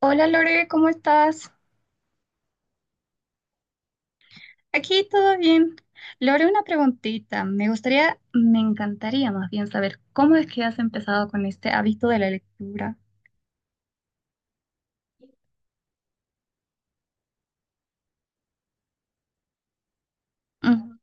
Hola Lore, ¿cómo estás? Aquí todo bien. Lore, una preguntita. Me encantaría más bien saber cómo es que has empezado con este hábito de la lectura. Ujú.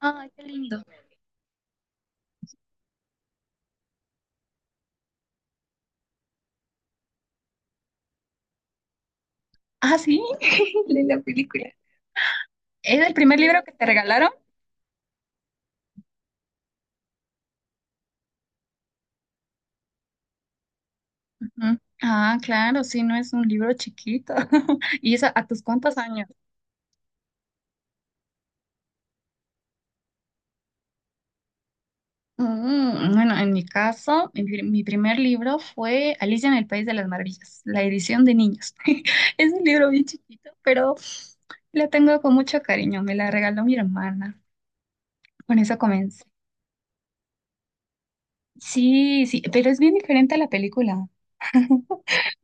Ay, qué lindo. Ah, sí, linda película. ¿Es el primer libro que te regalaron? Ujú. Ah, claro, sí, no es un libro chiquito. ¿Y eso a tus cuántos años? Bueno, en mi caso, mi primer libro fue Alicia en el País de las Maravillas, la edición de niños. Es un libro bien chiquito, pero la tengo con mucho cariño. Me la regaló mi hermana. Con eso comencé. Sí, sí, pero es bien diferente a la película.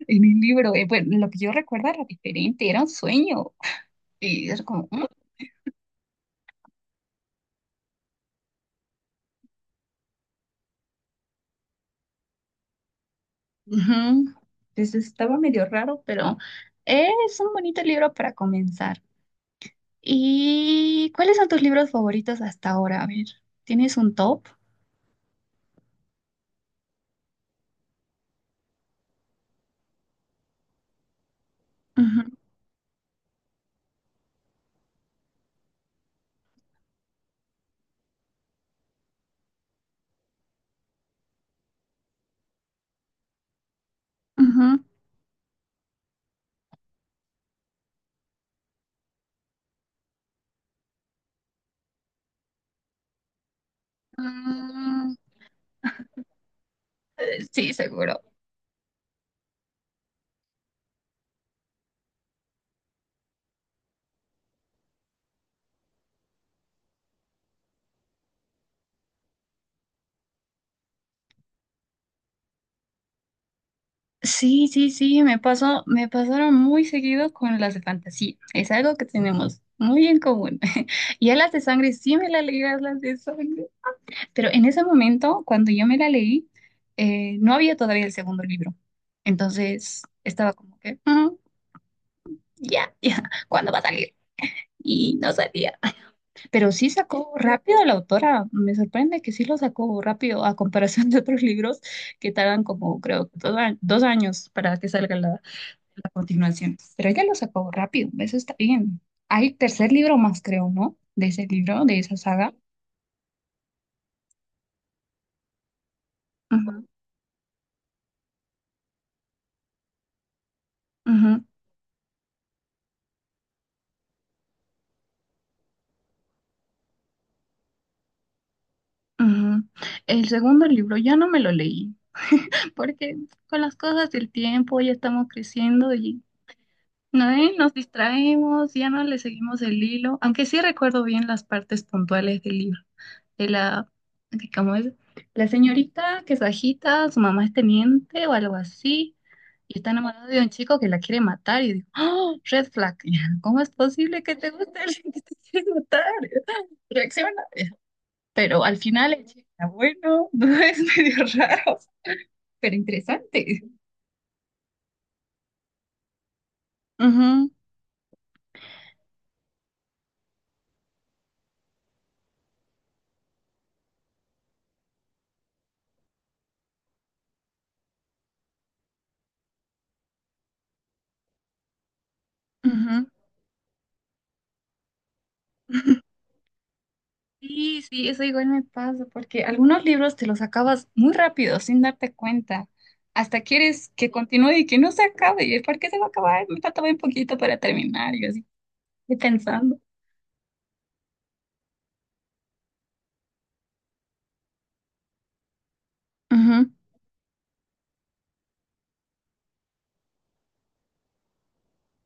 En el libro, bueno, lo que yo recuerdo era diferente, era un sueño. Y era como, mm, ujú. Entonces estaba medio raro, pero es un bonito libro para comenzar. ¿Y cuáles son tus libros favoritos hasta ahora? A ver, ¿tienes un top? Ujú, ujú. Mm, sí, seguro. Sí, sí, sí, me pasaron muy seguido con las de fantasía. Es algo que tenemos muy en común. Y a las de sangre sí me la leí, a las de sangre. Pero en ese momento, cuando yo me la leí, no había todavía el segundo libro. Entonces estaba como que, "Mm, ya, ya, ¿cuándo va a salir?" Y no salía. Pero sí sacó rápido la autora, me sorprende que sí lo sacó rápido a comparación de otros libros que tardan como creo dos, 2 años para que salga la, continuación. Pero ella lo sacó rápido, eso está bien. Hay tercer libro más, creo, ¿no? De ese libro, de esa saga. Ujú, ujú, ujú. El segundo libro ya no me lo leí, porque con las cosas del tiempo ya estamos creciendo y no, ¿eh? Nos distraemos, ya no le seguimos el hilo, aunque sí recuerdo bien las partes puntuales del libro. De la, ¿cómo es? La señorita que es bajita, su mamá es teniente o algo así, y está enamorada de un chico que la quiere matar, y digo, ¡Oh, red flag! ¿Cómo es posible que te guste alguien que te quiere matar? Reacciona. Pero al final el chico era bueno, no es medio raro, pero interesante. Ujú, ujú. Sí, sí, eso igual me pasa, porque algunos libros te los acabas muy rápido, sin darte cuenta. Hasta quieres que continúe y que no se acabe. ¿Y el por qué se va a acabar? Me falta bien poquito para terminar. Y yo así, estoy pensando. Ujú.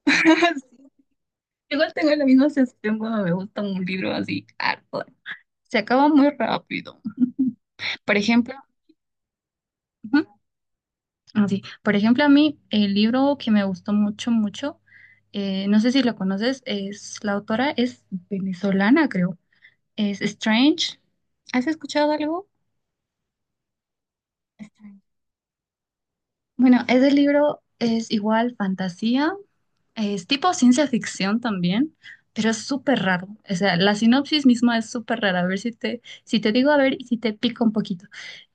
Sí, igual tengo la misma sensación cuando me gusta un libro así, harto. Se acaba muy rápido. Por ejemplo, ujú, así, por ejemplo, a mí el libro que me gustó mucho, mucho, no sé si lo conoces, es la autora es venezolana, creo. Es Strange. ¿Has escuchado algo? Extraño. Bueno, ese libro es igual fantasía, es tipo ciencia ficción también, pero es súper raro. O sea, la sinopsis misma es súper rara. A ver si te, digo, a ver, y si te pico un poquito.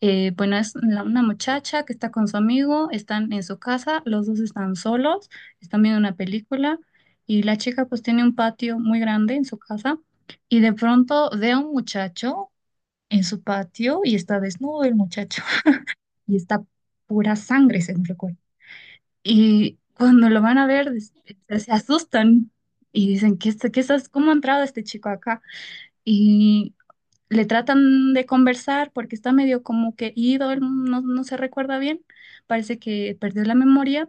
Bueno, es una muchacha que está con su amigo, están en su casa, los dos están solos, están viendo una película y la chica pues tiene un patio muy grande en su casa y de pronto ve a un muchacho en su patio y está desnudo el muchacho y está pura sangre, según recuerdo. Y cuando lo van a ver, se asustan y dicen, ¿ cómo ha entrado este chico acá? Y le tratan de conversar porque está medio como que ido, él no, no se recuerda bien, parece que perdió la memoria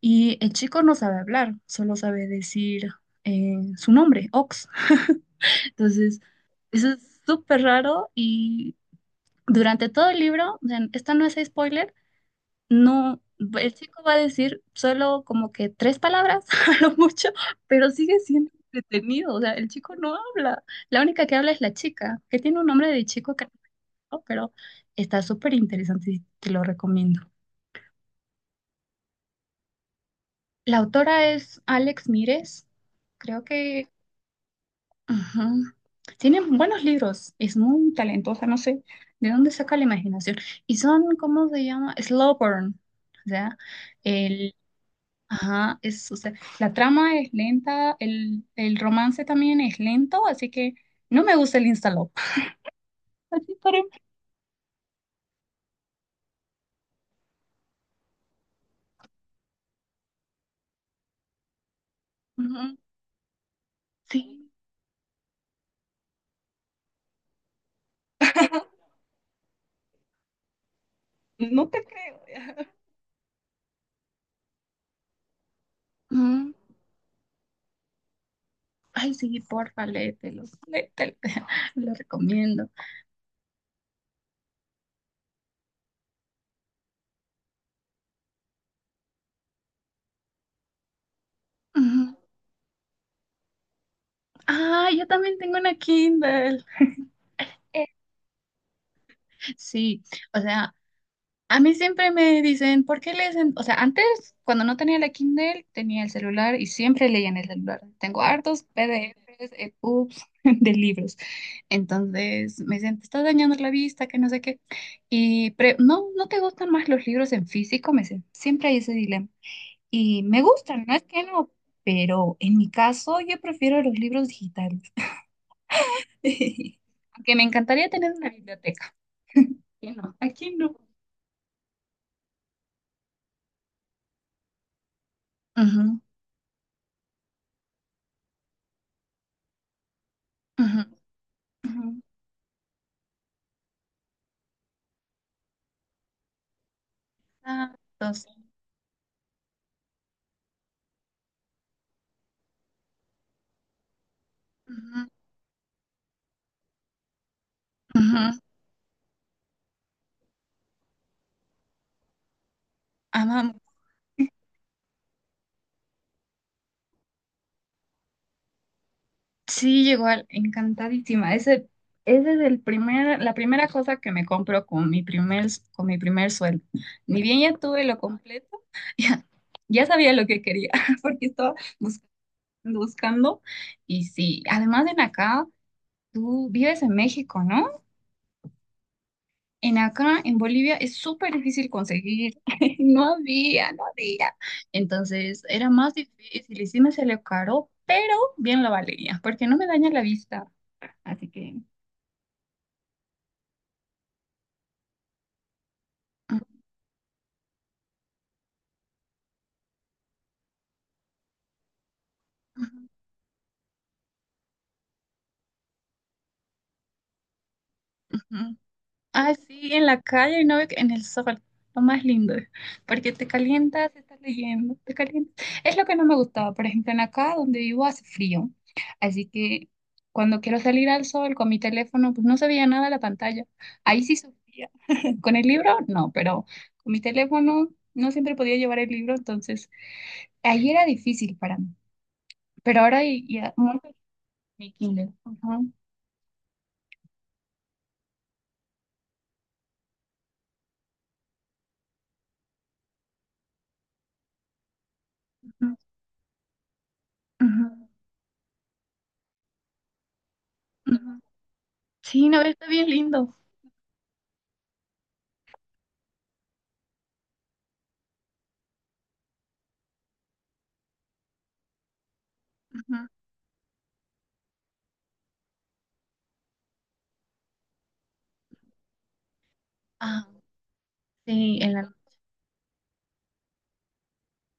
y el chico no sabe hablar, solo sabe decir su nombre, Ox. Entonces, eso es súper raro y durante todo el libro, o sea, esto no es spoiler, no, el chico va a decir solo como que tres palabras a lo mucho, pero sigue siendo entretenido, o sea, el chico no habla, la única que habla es la chica, que tiene un nombre de chico que no recuerdo, pero está súper interesante y te lo recomiendo. La autora es Alex Mires, creo que ujú. Tiene buenos libros, es muy talentosa, no sé de dónde saca la imaginación. Y son, ¿cómo se llama? Slow burn. O sea, el, ajá, o sea, la trama es lenta, el, romance también es lento, así que no me gusta el instalop. Así por em-. Ujú, sí. No te creo. Ujú. Ay, sí, porfa, léetelo, léetelo, lo recomiendo. Ujú. Ah, yo también tengo una Kindle. Eh, Sí, o sea, a mí siempre me dicen, "¿por qué lees en-?" O sea, antes, cuando no tenía la Kindle, tenía el celular y siempre leía en el celular. Tengo hartos PDFs, EPUBs de libros. Entonces me dicen, te estás dañando la vista, que no sé qué. Y no, no te gustan más los libros en físico, me dicen. Siempre hay ese dilema. Y me gustan, no es que no, pero en mi caso yo prefiero los libros digitales. Aunque me encantaría tener una biblioteca. ¿Quién no? ¿A quién no? Ujú, ujú, ujú. Ah, dos. Ujú, ujú. Ama- sí, igual encantadísima. Ese es la primera cosa que me compro con mi primer sueldo. Ni bien ya tuve lo completo, ya, ya sabía lo que quería, porque estaba buscando, buscando. Y sí, además en acá, tú vives en México, ¿no? En acá, en Bolivia, es súper difícil conseguir. No había, no había. Entonces, era más difícil y sí me salió caro, pero bien lo valía, porque no me daña la vista. Así que... Ah, sí, en la calle, no, en el sol, lo más lindo, porque te calientas, estás leyendo, te calientas. Es lo que no me gustaba, por ejemplo, en acá donde vivo hace frío, así que cuando quiero salir al sol con mi teléfono, pues no se veía nada la pantalla, ahí sí sufría. Con el libro, no, pero con mi teléfono no siempre podía llevar el libro, entonces ahí era difícil para mí, pero ahora ya, mucho mi Kindle. Ujú, ujú, ujú, ujú. Sí, no, está bien lindo. Ujú. Sí, en la-.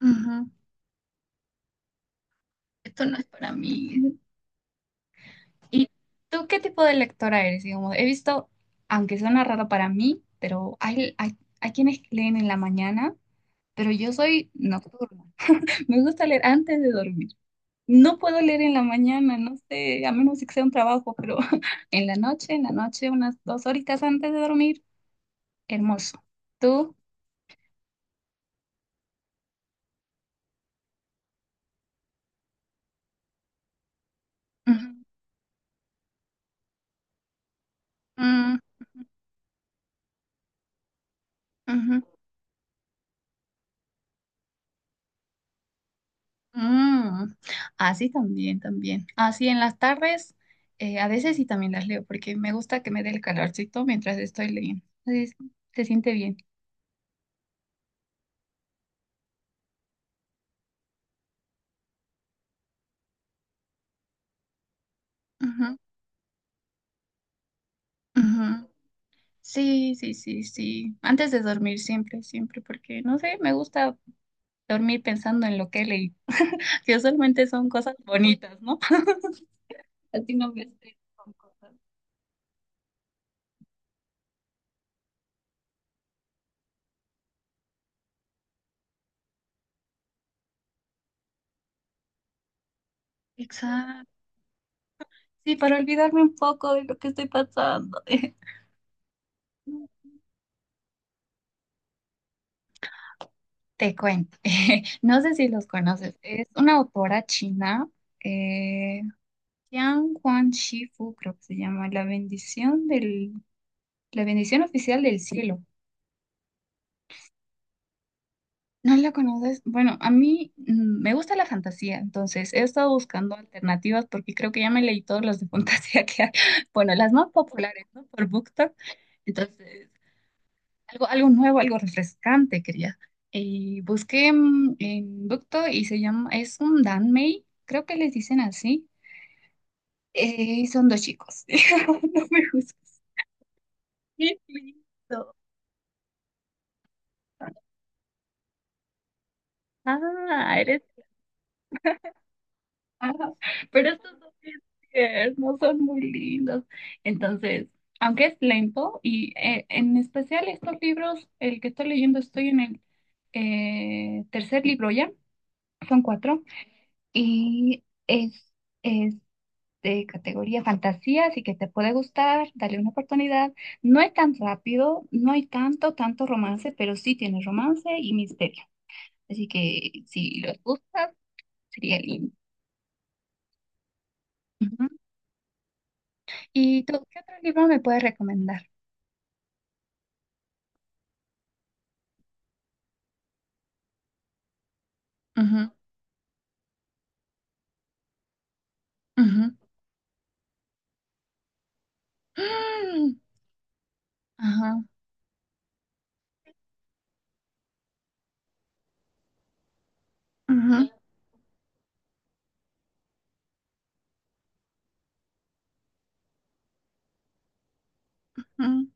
Ujú. Esto no es para mí. ¿Y tú qué tipo de lectora eres? Digamos, he visto, aunque suena raro para mí, pero hay quienes leen en la mañana, pero yo soy nocturna. Me gusta leer antes de dormir. No puedo leer en la mañana, no sé, a menos que sea un trabajo, pero en la noche, unas dos horitas antes de dormir, hermoso. ¿Tú? Ujú. Mm, ujú. Mm, Así también, también. Así en las tardes, a veces sí también las leo, porque me gusta que me dé el calorcito mientras estoy leyendo. Así se siente bien. Ujú, ujú. Sí, sí, sí, sí. Antes de dormir, siempre, siempre, porque no sé, me gusta dormir pensando en lo que leí, que usualmente son cosas bonitas, ¿no? Así no me estreso con cosas. Exacto. Sí, para olvidarme un poco de lo que estoy pasando. Te cuento, no sé si los conoces, es una autora china, eh, Jiang Huan Shifu, creo que se llama, la bendición oficial del cielo. ¿No la conoces? Bueno, a mí me gusta la fantasía, entonces he estado buscando alternativas porque creo que ya me leí todas las de fantasía que hay, bueno, las más populares, ¿no? Por BookTok. Entonces, algo nuevo, algo refrescante quería. Y busqué en Bukto y se llama, es un Danmei, creo que les dicen así. Son dos chicos. No me juzgues. Qué lindo. Ah, eres. Ah, pero estos dos no son muy lindos. Entonces, aunque es lento, y en especial estos libros, el que estoy leyendo, estoy en el tercer libro ya, son cuatro, y es. Es de categoría fantasía, así que te puede gustar, dale una oportunidad. No es tan rápido, no hay tanto, tanto romance, pero sí tiene romance y misterio. Así que si los gustas, sería lindo. Ujú. ¿Y tú qué otro libro me puedes recomendar? Ujú, ujú. Mm, ajá, ujú, mm,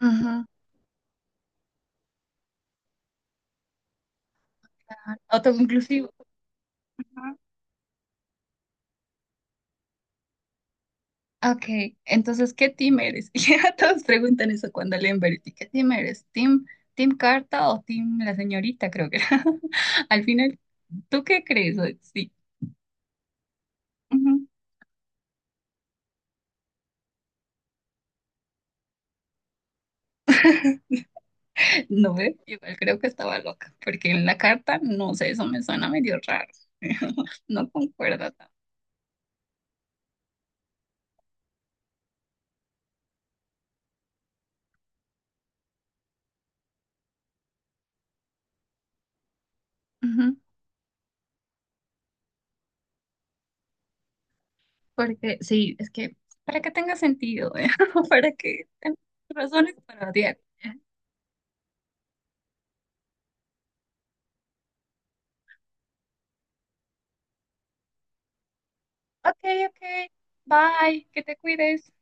ujú. Autoconclusivo. Ok, entonces, ¿qué team eres? Y ya todos preguntan eso cuando leen Verity. ¿Qué team eres? ¿Team Carta o team la señorita? Creo que era. Al final, ¿tú qué crees? Sí. Ujú. No ve, igual creo que estaba loca, porque en la carta, no sé, eso me suena medio raro. No concuerda tanto. Ujú. Porque sí, es que para que tenga sentido, ¿eh? Para que tengas razones para odiar. Ok, ok, bye, que te cuides.